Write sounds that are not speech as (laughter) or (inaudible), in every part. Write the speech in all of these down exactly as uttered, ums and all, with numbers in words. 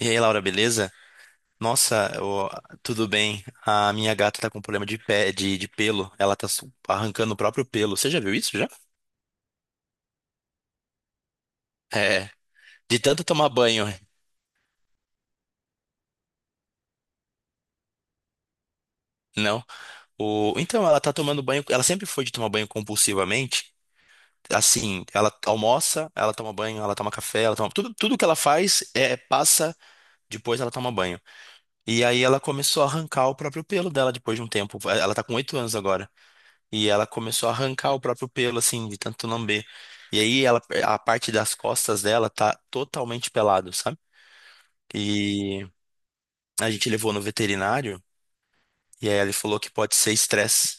E aí, Laura, beleza? Nossa, eu- tudo bem. A minha gata tá com problema de pé, de, de pelo. Ela tá su- arrancando o próprio pelo. Você já viu isso já? É, de tanto tomar banho, não? O, então, ela tá tomando banho. Ela sempre foi de tomar banho compulsivamente. Assim, ela almoça, ela toma banho, ela toma café, ela toma. Tudo, tudo que ela faz é passa, depois ela toma banho. E aí ela começou a arrancar o próprio pelo dela depois de um tempo. Ela tá com oito anos agora. E ela começou a arrancar o próprio pelo, assim, de tanto lamber. E aí ela, a parte das costas dela tá totalmente pelado, sabe? E a gente levou no veterinário e aí ele falou que pode ser estresse.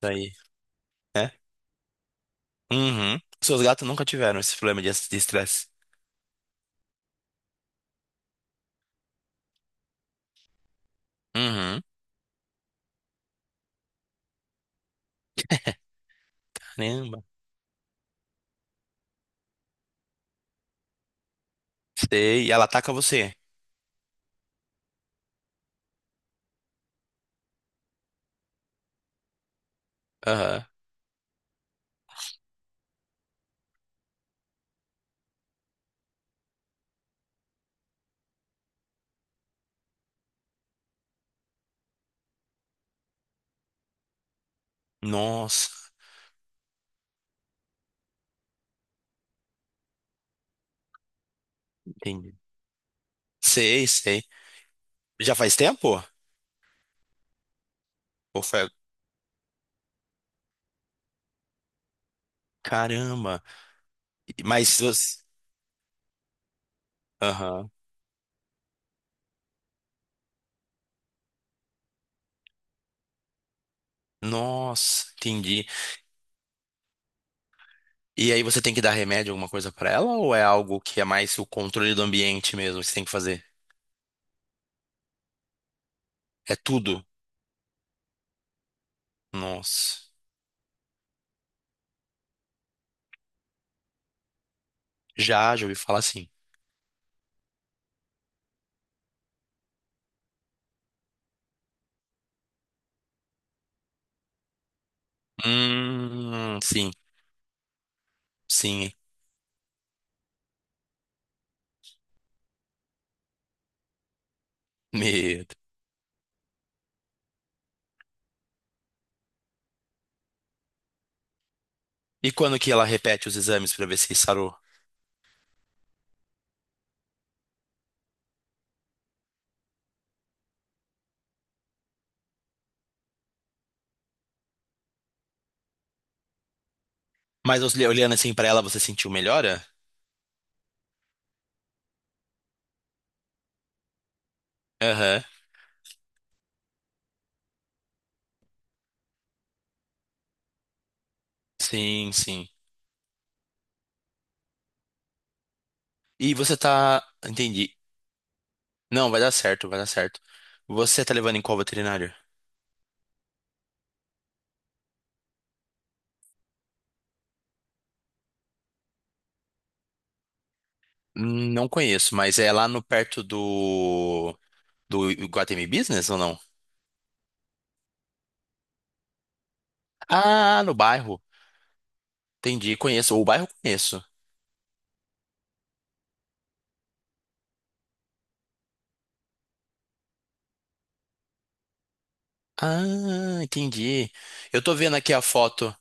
Daí, né? Uhum. Seus gatos nunca tiveram esse problema de de estresse. Uhum. Caramba. Sei. E ela ataca você. Aham. Nossa. Entendi. Sei, sei. Já faz tempo? Ou foi... Caramba. Mas você... Aham. Nossa, entendi. E aí você tem que dar remédio, alguma coisa pra ela, ou é algo que é mais o controle do ambiente mesmo que você tem que fazer? É tudo? Nossa. Já, já ouvi falar assim. Hum, sim, sim, (laughs) medo. E quando que ela repete os exames pra ver se sarou? Mas os- olhando assim pra ela, você sentiu melhora? Aham, sim, sim. E você tá. Entendi. Não, vai dar certo, vai dar certo. Você tá levando em qual veterinário? Hum, Não conheço, mas é lá no perto do. Do Iguatemi Business ou não? Ah, no bairro. Entendi, conheço. O bairro eu conheço. Ah, entendi. Eu tô vendo aqui a foto.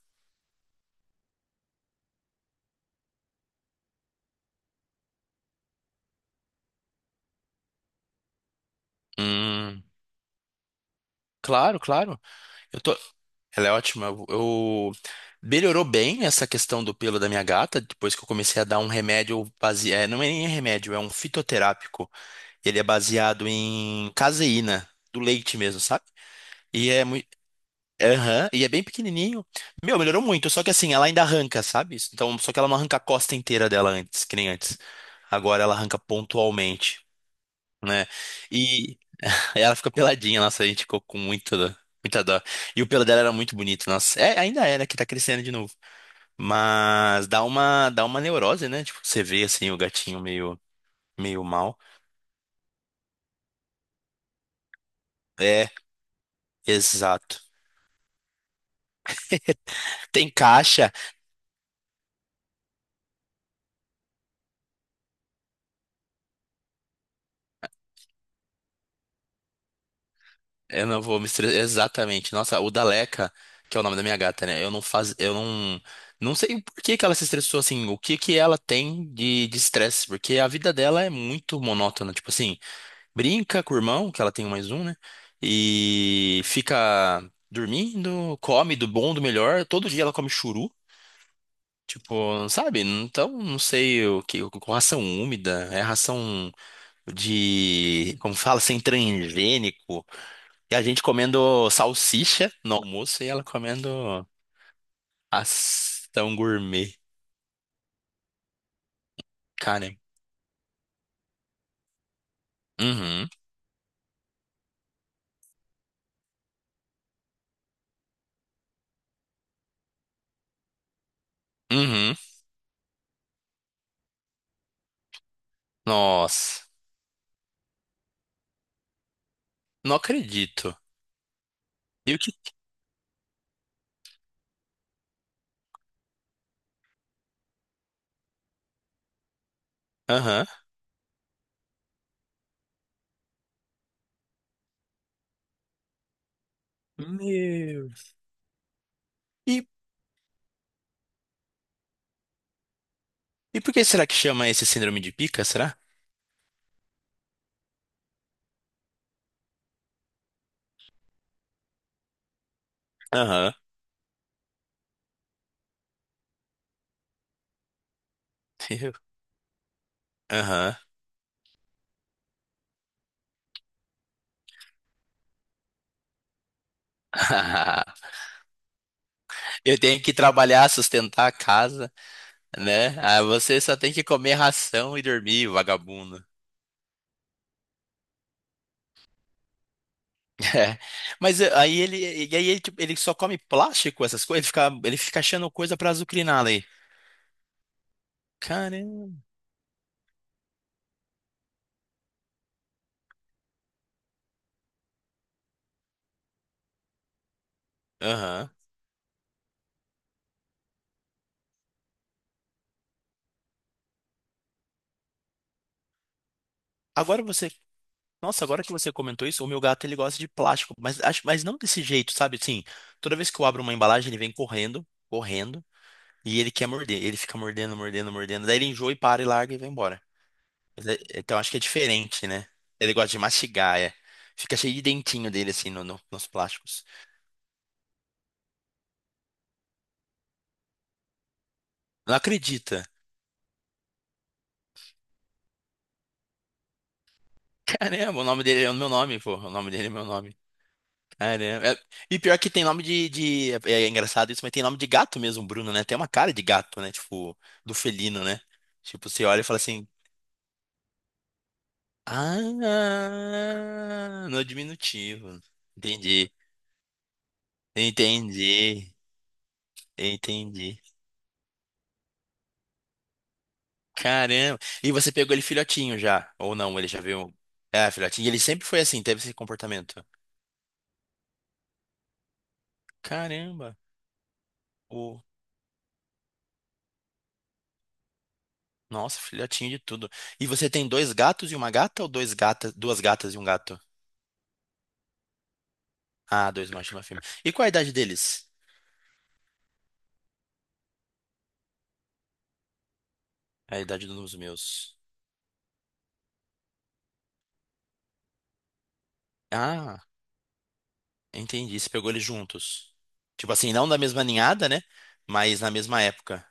Hum, claro, claro. Eu tô... Ela é ótima. Eu... eu- Melhorou bem essa questão do pelo da minha gata, depois que eu comecei a dar um remédio baseado... É, não é nem remédio, é um fitoterápico. Ele é baseado em caseína, do leite mesmo, sabe? E é, mui- Aham, e é bem pequenininho. Meu, melhorou muito, só que assim, ela ainda arranca, sabe? Então, só que ela não arranca a costa inteira dela antes, que nem antes. Agora ela arranca pontualmente, né? E (laughs) ela fica peladinha, nossa, a gente ficou com muita, dó- muita dó. E o pelo dela era muito bonito, nossa. É, ainda é, né, que tá crescendo de novo. Mas dá uma, dá uma neurose, né? Tipo, você vê assim o gatinho meio, meio mal. É, exato. Tem caixa. Eu não vou me estressar. Exatamente. Nossa, o Daleca, que é o nome da minha gata, né? Eu não faz, eu não, não sei por que que ela se estressou assim, o que que ela tem de de estresse, porque a vida dela é muito monótona, tipo assim, brinca com o irmão, que ela tem mais um, né? E fica dormindo, come do bom, do melhor, todo dia ela come churu, tipo, sabe? Então, não sei o que, com ração úmida, é ração de, como fala, sem transgênico. E a gente comendo salsicha no almoço e ela comendo ação gourmet. Cara, uhum, uhum. Nossa, não acredito. E o que? Aham. Meu. E, e por que será que chama esse síndrome de pica, será? Aham. Eu- Aham. (laughs) Eu tenho que trabalhar, sustentar a casa, né? Ah, você só tem que comer ração e dormir, vagabundo. É. Mas eh, aí ele, e aí ele, tipo, ele só come plástico, essas coisas, ele fica, ele fica achando coisa pra azucrinar ali. Caramba. Aham. Agora você, nossa, agora que você comentou isso, o meu gato ele gosta de plástico, mas acho, mas não desse jeito, sabe? Assim, toda vez que eu abro uma embalagem, ele vem correndo, correndo, e ele quer morder, ele fica mordendo, mordendo, mordendo, daí ele enjoa e para e larga e vai embora. Mas é- Então acho que é diferente, né? Ele gosta de mastigar, é. Fica cheio de dentinho dele assim no, no- nos plásticos. Não acredita. Caramba, o nome dele é o meu nome, pô. O nome dele é meu nome. Caramba. É- E pior que tem nome de, de- É é engraçado isso, mas tem nome de gato mesmo, Bruno, né? Tem uma cara de gato, né? Tipo, do felino, né? Tipo, você olha e fala assim. Ah, no diminutivo. Entendi. Entendi. Entendi. Caramba. E você pegou ele filhotinho já? Ou não? Ele já veio. É, filhotinho. E ele sempre foi assim, teve esse comportamento. Caramba. Nossa, filhotinho de tudo. E você tem dois gatos e uma gata ou dois gatas, duas gatas e um gato? Ah, dois machos e uma fêmea. E qual a idade deles? A idade dos meus. Ah, entendi. Você pegou eles juntos. Tipo assim, não da mesma ninhada, né? Mas na mesma época.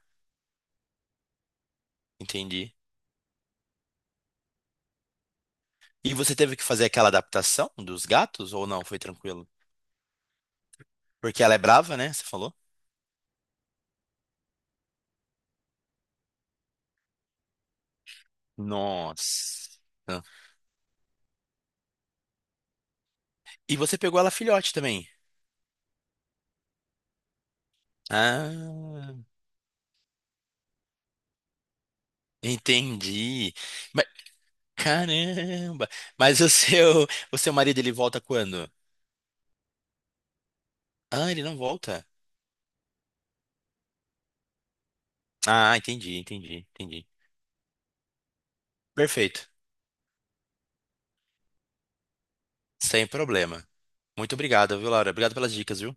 Entendi. E você teve que fazer aquela adaptação dos gatos ou não? Foi tranquilo? Porque ela é brava, né? Você falou? Nossa. E você pegou ela filhote também. Ah, entendi. Caramba! Mas o seu, o seu marido, ele volta quando? Ah, ele não volta. Ah, entendi, entendi, entendi. Perfeito. Sem problema. Muito obrigado, viu, Laura? Obrigado pelas dicas, viu?